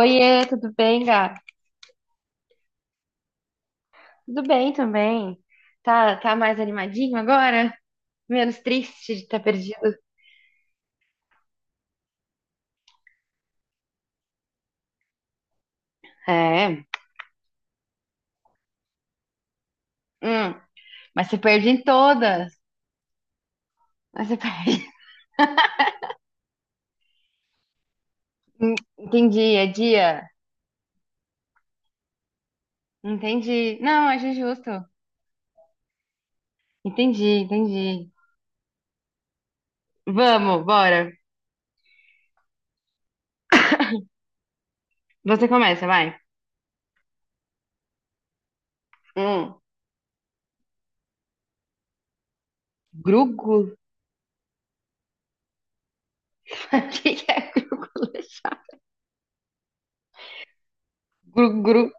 Oiê, tudo bem, Gá? Tudo bem também. Tá, tá mais animadinho agora? Menos triste de ter perdido? É, hum, mas você perde em todas. Mas você perde. Entendi, é dia. Entendi. Não, acho justo. Entendi, entendi. Vamos, bora. Você começa, vai. Hum, grugo? O que que é grugo? Gru, gru.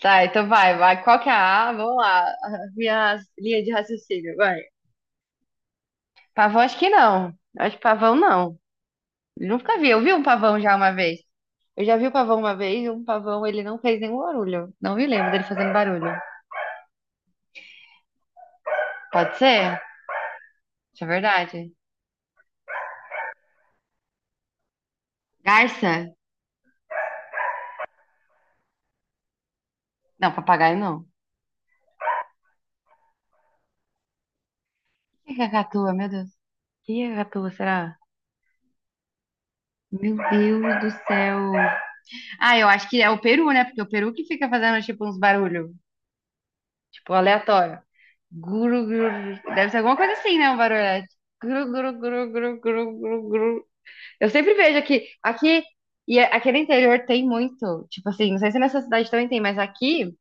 Tá, então vai, vai. Qual que é a A? Vamos lá. Minha linha de raciocínio, vai. Pavão, acho que não. Acho que pavão não. Nunca vi. Eu vi um pavão já uma vez. Eu já vi o pavão uma vez e um pavão ele não fez nenhum barulho. Não me lembro dele fazendo barulho. Pode ser? Isso é verdade. Garça? Não, papagaio não. O que é cacatua, meu Deus? O que é cacatua, será? Meu Deus do céu. Ah, eu acho que é o peru, né? Porque é o peru que fica fazendo tipo uns barulhos, tipo aleatório. Guru, guru. Deve ser alguma coisa assim, né? Um barulho. Guru, guru, guru, guru, guru, guru, guru. Eu sempre vejo aqui, aqui, e aqui no interior tem muito, tipo assim, não sei se nessa cidade também tem, mas aqui,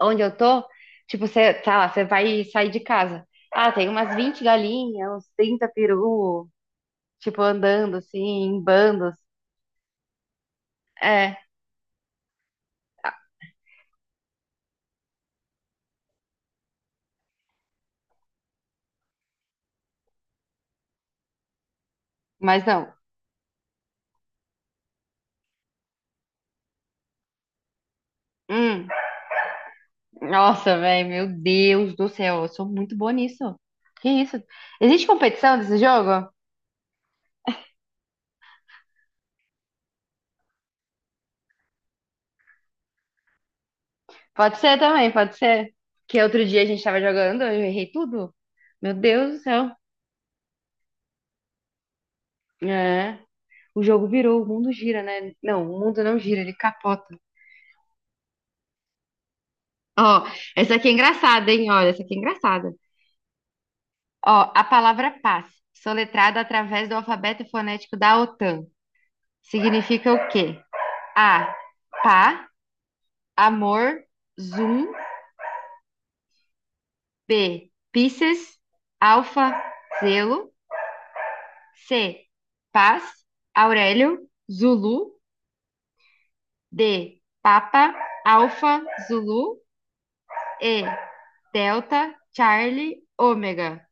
onde eu tô, tipo, você, tá lá, você vai sair de casa. Ah, tem umas 20 galinhas, uns 30 peru, tipo, andando assim, em bandos. É, mas não. Hum, nossa, velho, meu Deus do céu, eu sou muito boa nisso. Que isso? Existe competição desse jogo? Pode ser também, pode ser. Que outro dia a gente tava jogando, eu errei tudo. Meu Deus do céu. É. O jogo virou, o mundo gira, né? Não, o mundo não gira, ele capota. Ó, essa aqui é engraçada, hein? Olha, essa aqui é engraçada. Ó, a palavra paz, soletrada através do alfabeto fonético da OTAN, significa o quê? A, pá, amor, zoom. B, Pisces, alfa, zelo. C, paz, Aurélio, Zulu. D, Papa, Alfa, Zulu. E, Delta, Charlie, Ômega.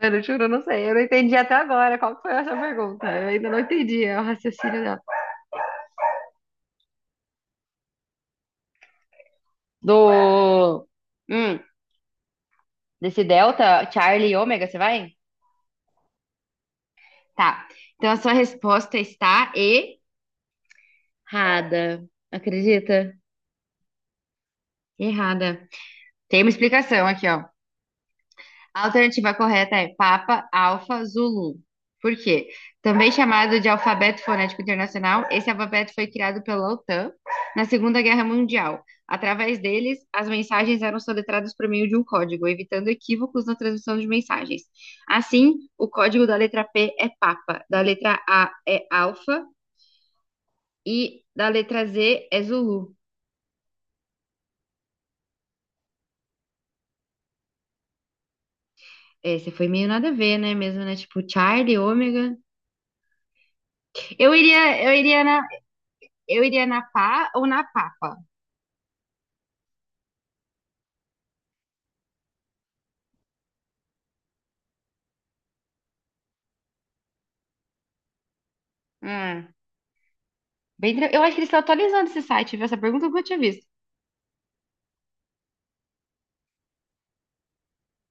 Mano, eu juro, eu não sei. Eu não entendi até agora qual que foi essa pergunta. Eu ainda não entendi o raciocínio dela. Do. Hum, desse Delta, Charlie e Ômega, você vai? Tá. Então a sua resposta está errada. Acredita? Errada. Tem uma explicação aqui, ó. A alternativa correta é Papa Alfa Zulu. Por quê? Também chamado de alfabeto fonético internacional, esse alfabeto foi criado pela OTAN na Segunda Guerra Mundial. Através deles, as mensagens eram soletradas por meio de um código, evitando equívocos na transmissão de mensagens. Assim, o código da letra P é Papa, da letra A é Alfa e da letra Z é Zulu. Esse foi meio nada a ver, né? Mesmo, né? Tipo, Charlie, Ômega. Eu iria, eu iria na Eu iria na Pá ou na Papa? Hum, bem, eu acho que eles estão atualizando esse site, viu? Essa pergunta eu nunca tinha visto.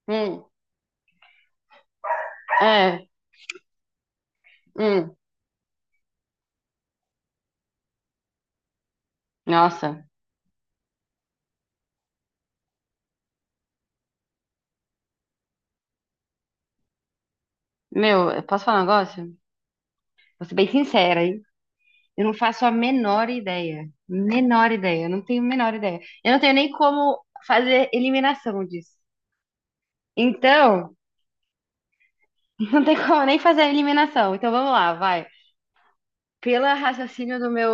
Hum, é, hum. Nossa, meu, eu posso falar um negócio? Vou ser bem sincera, hein? Eu não faço a menor ideia. Menor ideia, eu não tenho a menor ideia. Eu não tenho nem como fazer eliminação disso. Então, não tem como nem fazer a eliminação. Então vamos lá, vai. Pelo raciocínio do meu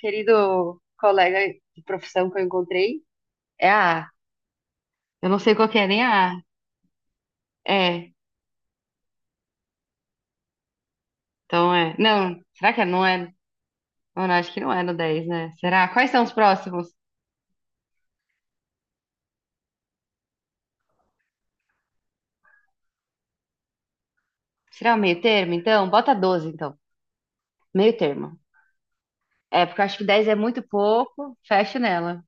querido colega de profissão que eu encontrei, é a A. Eu não sei qual que é nem a A. É, então é. Não, será que é? Não é? Não, não, acho que não é no 10, né? Será? Quais são os próximos? Será o meio termo, então? Bota 12, então. Meio termo. É, porque eu acho que dez é muito pouco, fecho nela.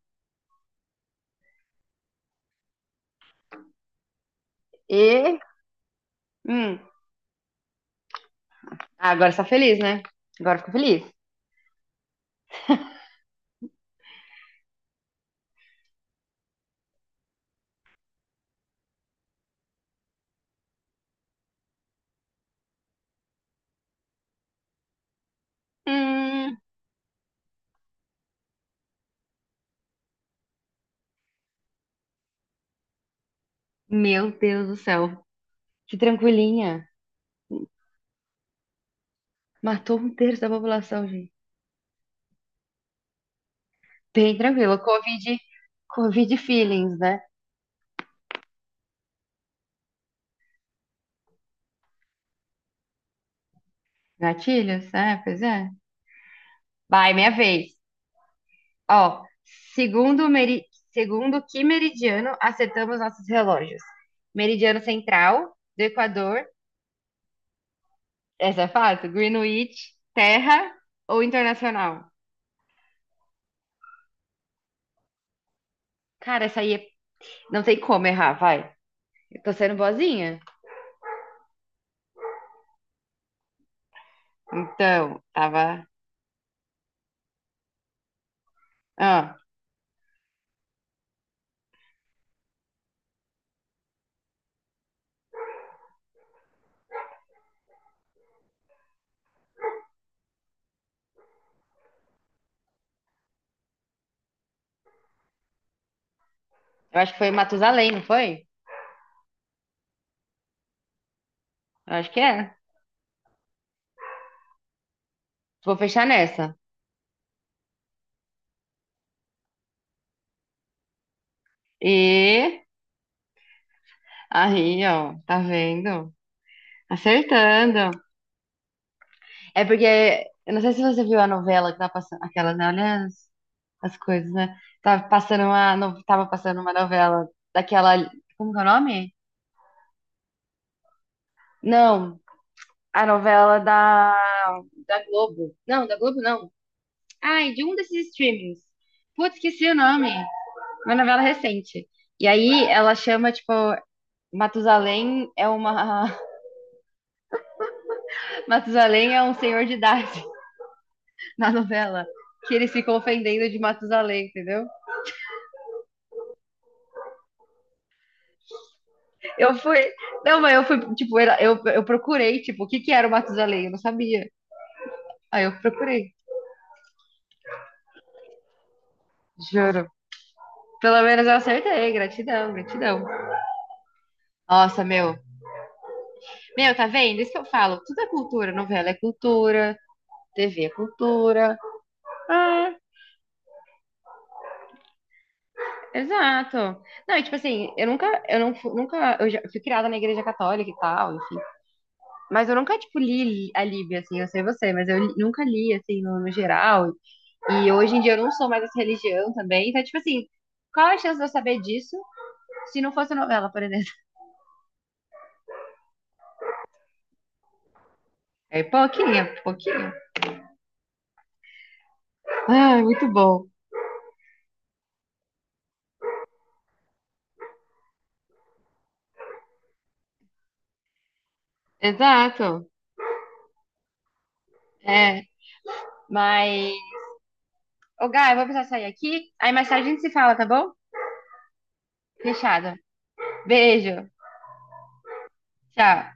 E. Hum, ah, agora você tá feliz, né? Agora ficou feliz. Hum, meu Deus do céu. Que tranquilinha. Matou um terço da população, gente. Bem tranquilo. Covid, Covid feelings, né? Gatilhos, é, pois é. Vai, minha vez. Ó, segundo, meri... segundo que meridiano acertamos nossos relógios? Meridiano central, do Equador, essa é fácil, Greenwich, terra ou internacional? Cara, essa aí é... não tem como errar, vai. Eu tô sendo boazinha. Então, tava. Ah, eu acho que foi Matusalém, não foi? Eu acho que é. Vou fechar nessa. E aí, ó, tá vendo? Acertando. É porque, eu não sei se você viu a novela que tá passando, aquela, né? Olha as, as coisas, né? Tava passando uma, tava passando uma novela daquela, como que é o nome? Não, a novela da, da Globo. Não, da Globo não. Ai, de um desses streamings. Putz, esqueci o nome. Uma novela recente. E aí ela chama, tipo, Matusalém é uma, Matusalém é um senhor de idade na novela, que eles ficam ofendendo de Matusalém, entendeu? Eu fui. Não, mas eu fui, tipo, eu procurei, tipo, o que que era o Matusalém? Eu não sabia. Aí eu procurei, juro. Pelo menos eu acertei, gratidão, gratidão. Nossa, meu. Meu, tá vendo? Isso que eu falo. Tudo é cultura. Novela é cultura, TV é cultura. Ah, exato. Não, e tipo assim, eu nunca, eu não, nunca, eu já fui criada na igreja católica e tal, enfim. Mas eu nunca, tipo, li a Bíblia, assim, eu sei você, mas eu nunca li, assim, no, no geral, e hoje em dia eu não sou mais dessa religião também. Então, tipo assim, qual a chance de eu saber disso se não fosse novela, por exemplo? É pouquinho, pouquinho. Ah, muito bom. Exato. É, mas... Ô, Gá, eu vou precisar sair aqui. Aí mais tarde a gente se fala, tá bom? Fechado. Beijo. Tchau.